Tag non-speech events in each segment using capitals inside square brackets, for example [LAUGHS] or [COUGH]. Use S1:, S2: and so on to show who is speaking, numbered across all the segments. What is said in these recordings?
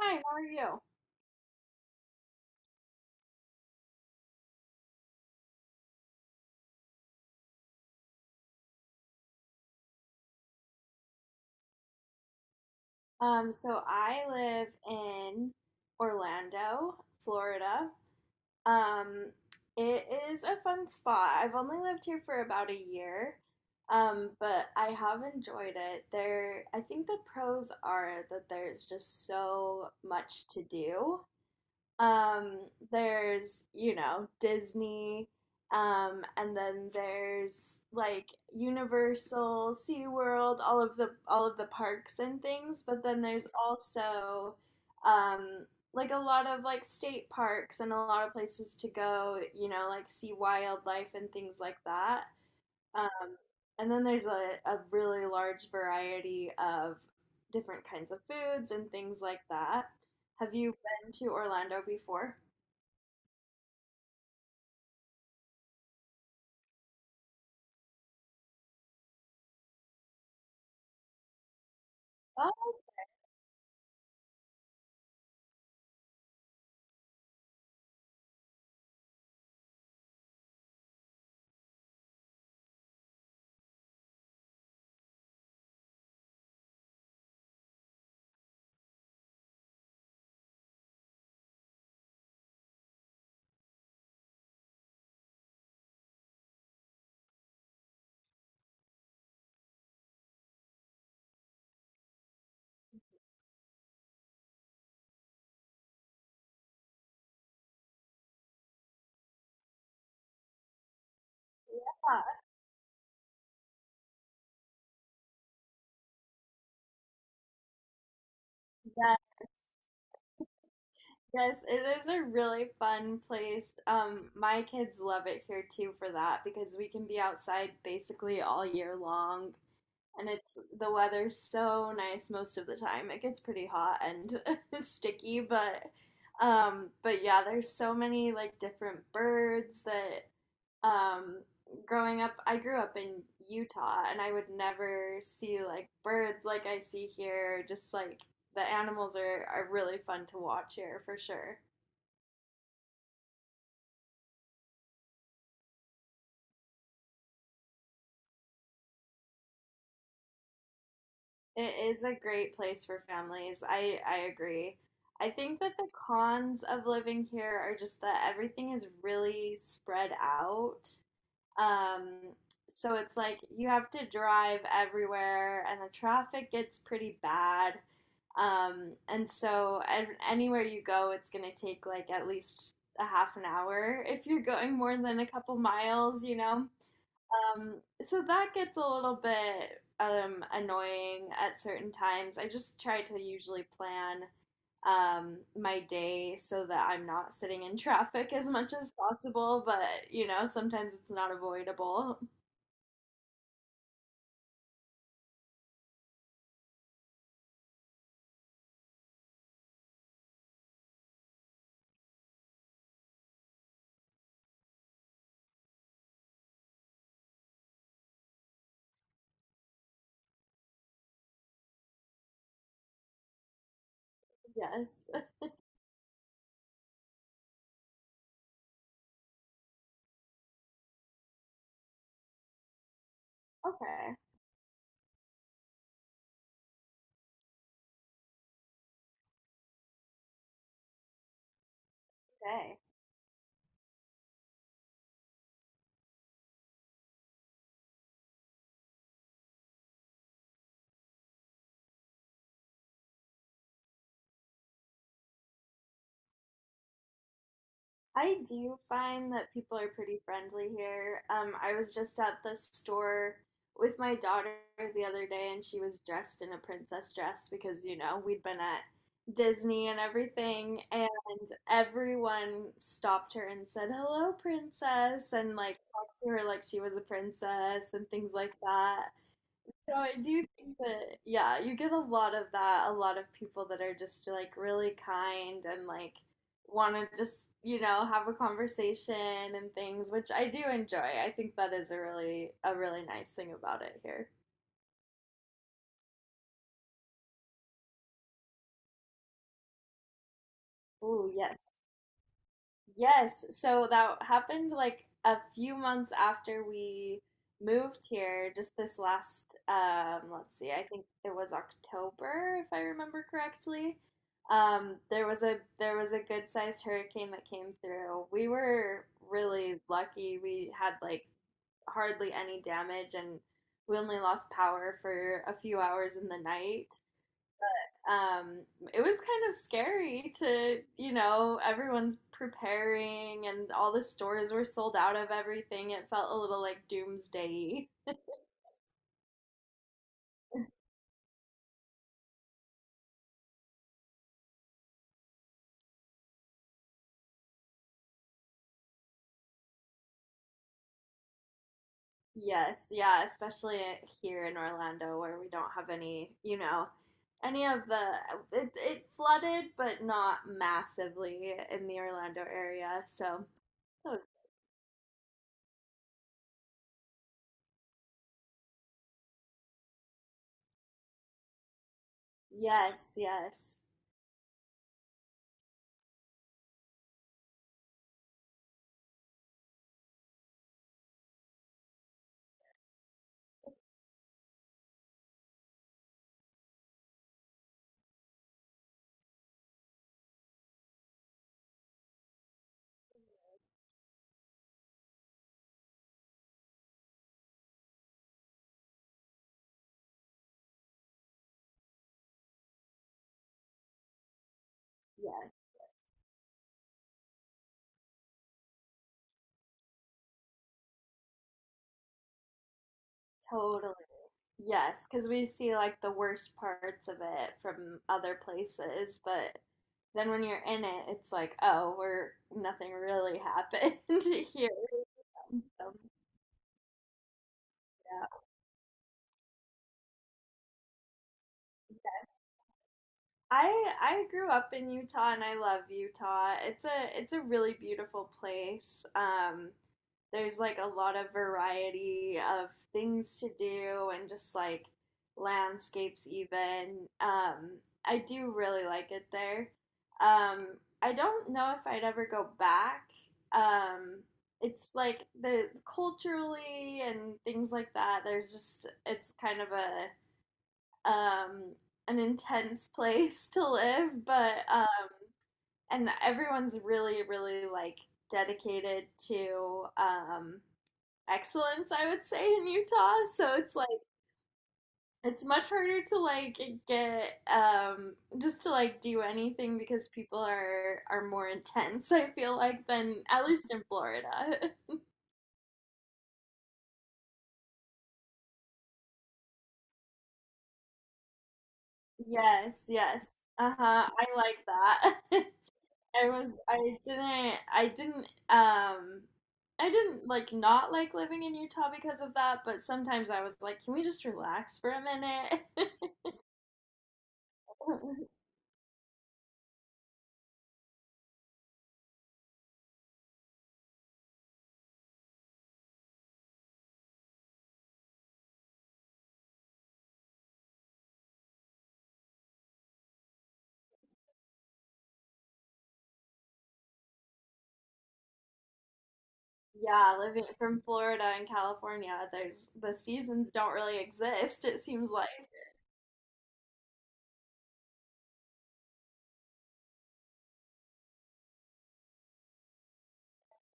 S1: Hi, how are you? So I live in Orlando, Florida. Um, it is a fun spot. I've only lived here for about a year, but I have enjoyed it. There, I think the pros are that there's just so much to do. Um, there's, you know, Disney, and then there's like Universal, SeaWorld, all of the parks and things, but then there's also um like a lot of like state parks and a lot of places to go, you know, like see wildlife and things like that. Um, and then there's a really large variety of different kinds of foods and things like that. Have you been to Orlando before? Oh, yeah. Yeah, yes, it is a really fun place. My kids love it here too for that because we can be outside basically all year long. And it's the weather's so nice most of the time. It gets pretty hot and [LAUGHS] sticky, but yeah, there's so many like different birds that um growing up I grew up in Utah and I would never see like birds like I see here. Just like the animals are really fun to watch here for sure. It is a great place for families. I agree. I think that the cons of living here are just that everything is really spread out. Um, so it's like you have to drive everywhere, and the traffic gets pretty bad. And so anywhere you go, it's going to take like at least a half an hour if you're going more than a couple miles, you know? Um, so that gets a little bit annoying at certain times. I just try to usually plan my day so that I'm not sitting in traffic as much as possible, but you know, sometimes it's not avoidable. Yes. [LAUGHS] Okay. Okay. I do find that people are pretty friendly here. I was just at the store with my daughter the other day, and she was dressed in a princess dress because, you know, we'd been at Disney and everything, and everyone stopped her and said, "Hello, princess," and like talked to her like she was a princess and things like that. So I do think that, yeah, you get a lot of that, a lot of people that are just like really kind and like want to just, you know, have a conversation and things, which I do enjoy. I think that is a really nice thing about it here. Oh, yes. Yes, so that happened like a few months after we moved here, just this last let's see, I think it was October if I remember correctly. There was a there was a good-sized hurricane that came through. We were really lucky. We had like hardly any damage and we only lost power for a few hours in the night. um, it was kind of scary to, you know, everyone's preparing and all the stores were sold out of everything. It felt a little like doomsday. Yes, yeah, especially here in Orlando where we don't have any, you know, any of the it flooded, but not massively in the Orlando area. So, that was- yes, yes. Yeah, totally. Yes, because we see like the worst parts of it from other places, but then when you're in it, it's like, oh, we're nothing really happened [LAUGHS] here. Um, I grew up in Utah and I love Utah. It's a really beautiful place. There's like a lot of variety of things to do and just like landscapes even. I do really like it there. Um, I don't know if I'd ever go back. Um, it's like the culturally and things like that. There's just it's kind of a um, an intense place to live, but and everyone's really, really like dedicated to excellence. I would say in Utah, so it's like it's much harder to like get just to like do anything because people are more intense. I feel like than at least in Florida. [LAUGHS] Yes, yes. Uh-huh. I like that. [LAUGHS] I was I didn't like not like living in Utah because of that, but sometimes I was like, can we just relax for a minute? [LAUGHS] Yeah, living from Florida and California, there's the seasons don't really exist, it seems like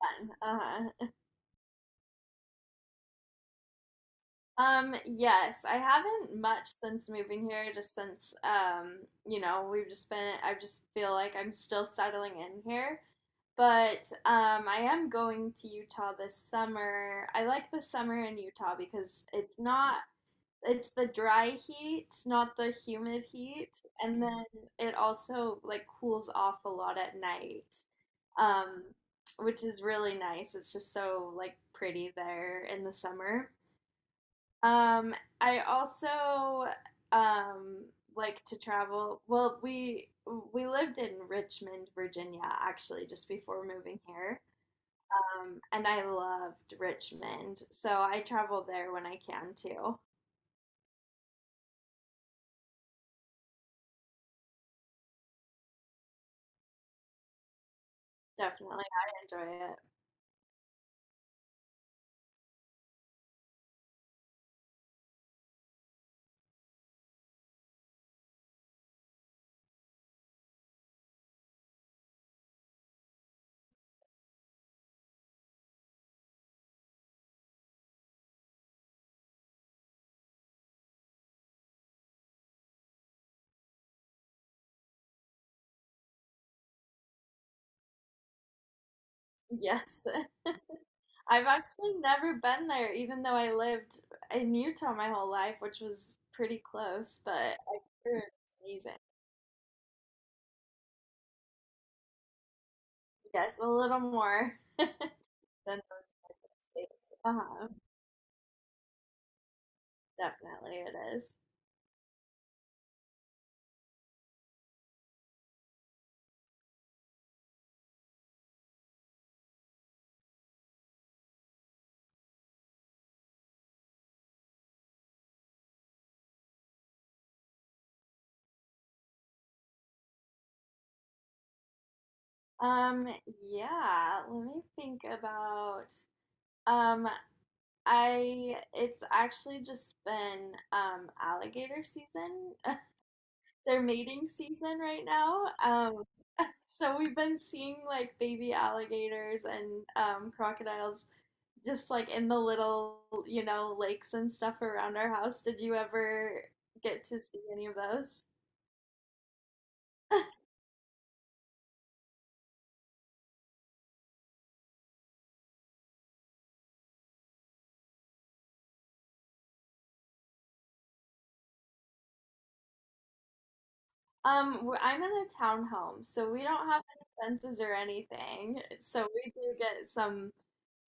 S1: then. Uh-huh. Yes, I haven't much since moving here, just since you know, we've just been I just feel like I'm still settling in here. But I am going to Utah this summer. I like the summer in Utah because it's not, it's the dry heat, not the humid heat. And then it also like cools off a lot at night, um, which is really nice. It's just so like pretty there in the summer. Um, I also um, like to travel. Well, we lived in Richmond, Virginia, actually, just before moving here. And I loved Richmond, so I travel there when I can too. Definitely, I enjoy it. Yes, [LAUGHS] I've actually never been there, even though I lived in Utah my whole life, which was pretty close, but I hear it's amazing. Yes, a little more than those United States. Uh-huh. Definitely it is. Um, yeah, let me think about um I it's actually just been alligator season. [LAUGHS] They're mating season right now. So we've been seeing like baby alligators and crocodiles just like in the little, you know, lakes and stuff around our house. Did you ever get to see any of those? I'm in a townhome, so we don't have any fences or anything. So we do get some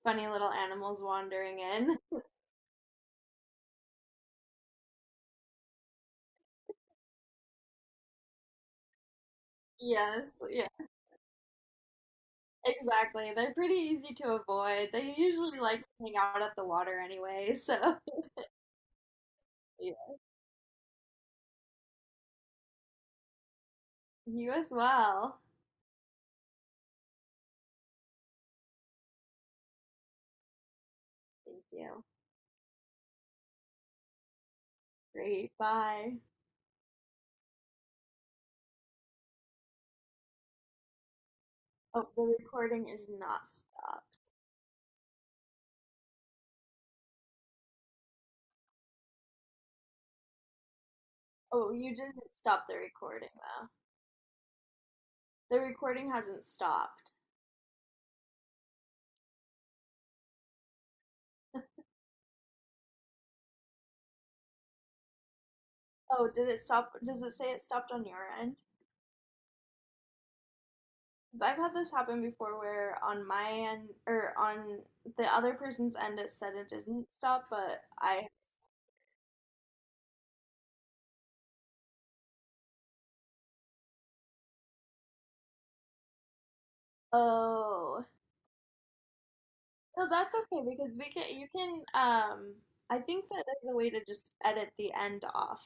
S1: funny little animals wandering in. [LAUGHS] Yes, yes. Exactly. They're pretty easy to avoid. They usually like to hang out at the water anyway, so [LAUGHS] yeah. You as well. Thank you. Great. Bye. Oh, the recording is not stopped. Oh, you didn't stop the recording though. The recording hasn't stopped. Oh, did it stop? Does it say it stopped on your end? Because I've had this happen before where on my end or on the other person's end it said it didn't stop, but oh. No, that's okay because we can you can I think that there's a way to just edit the end off.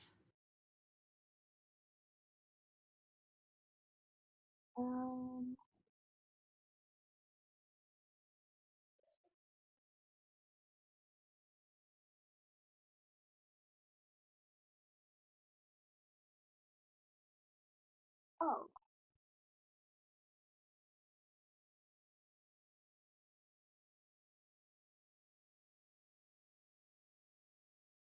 S1: Um, oh.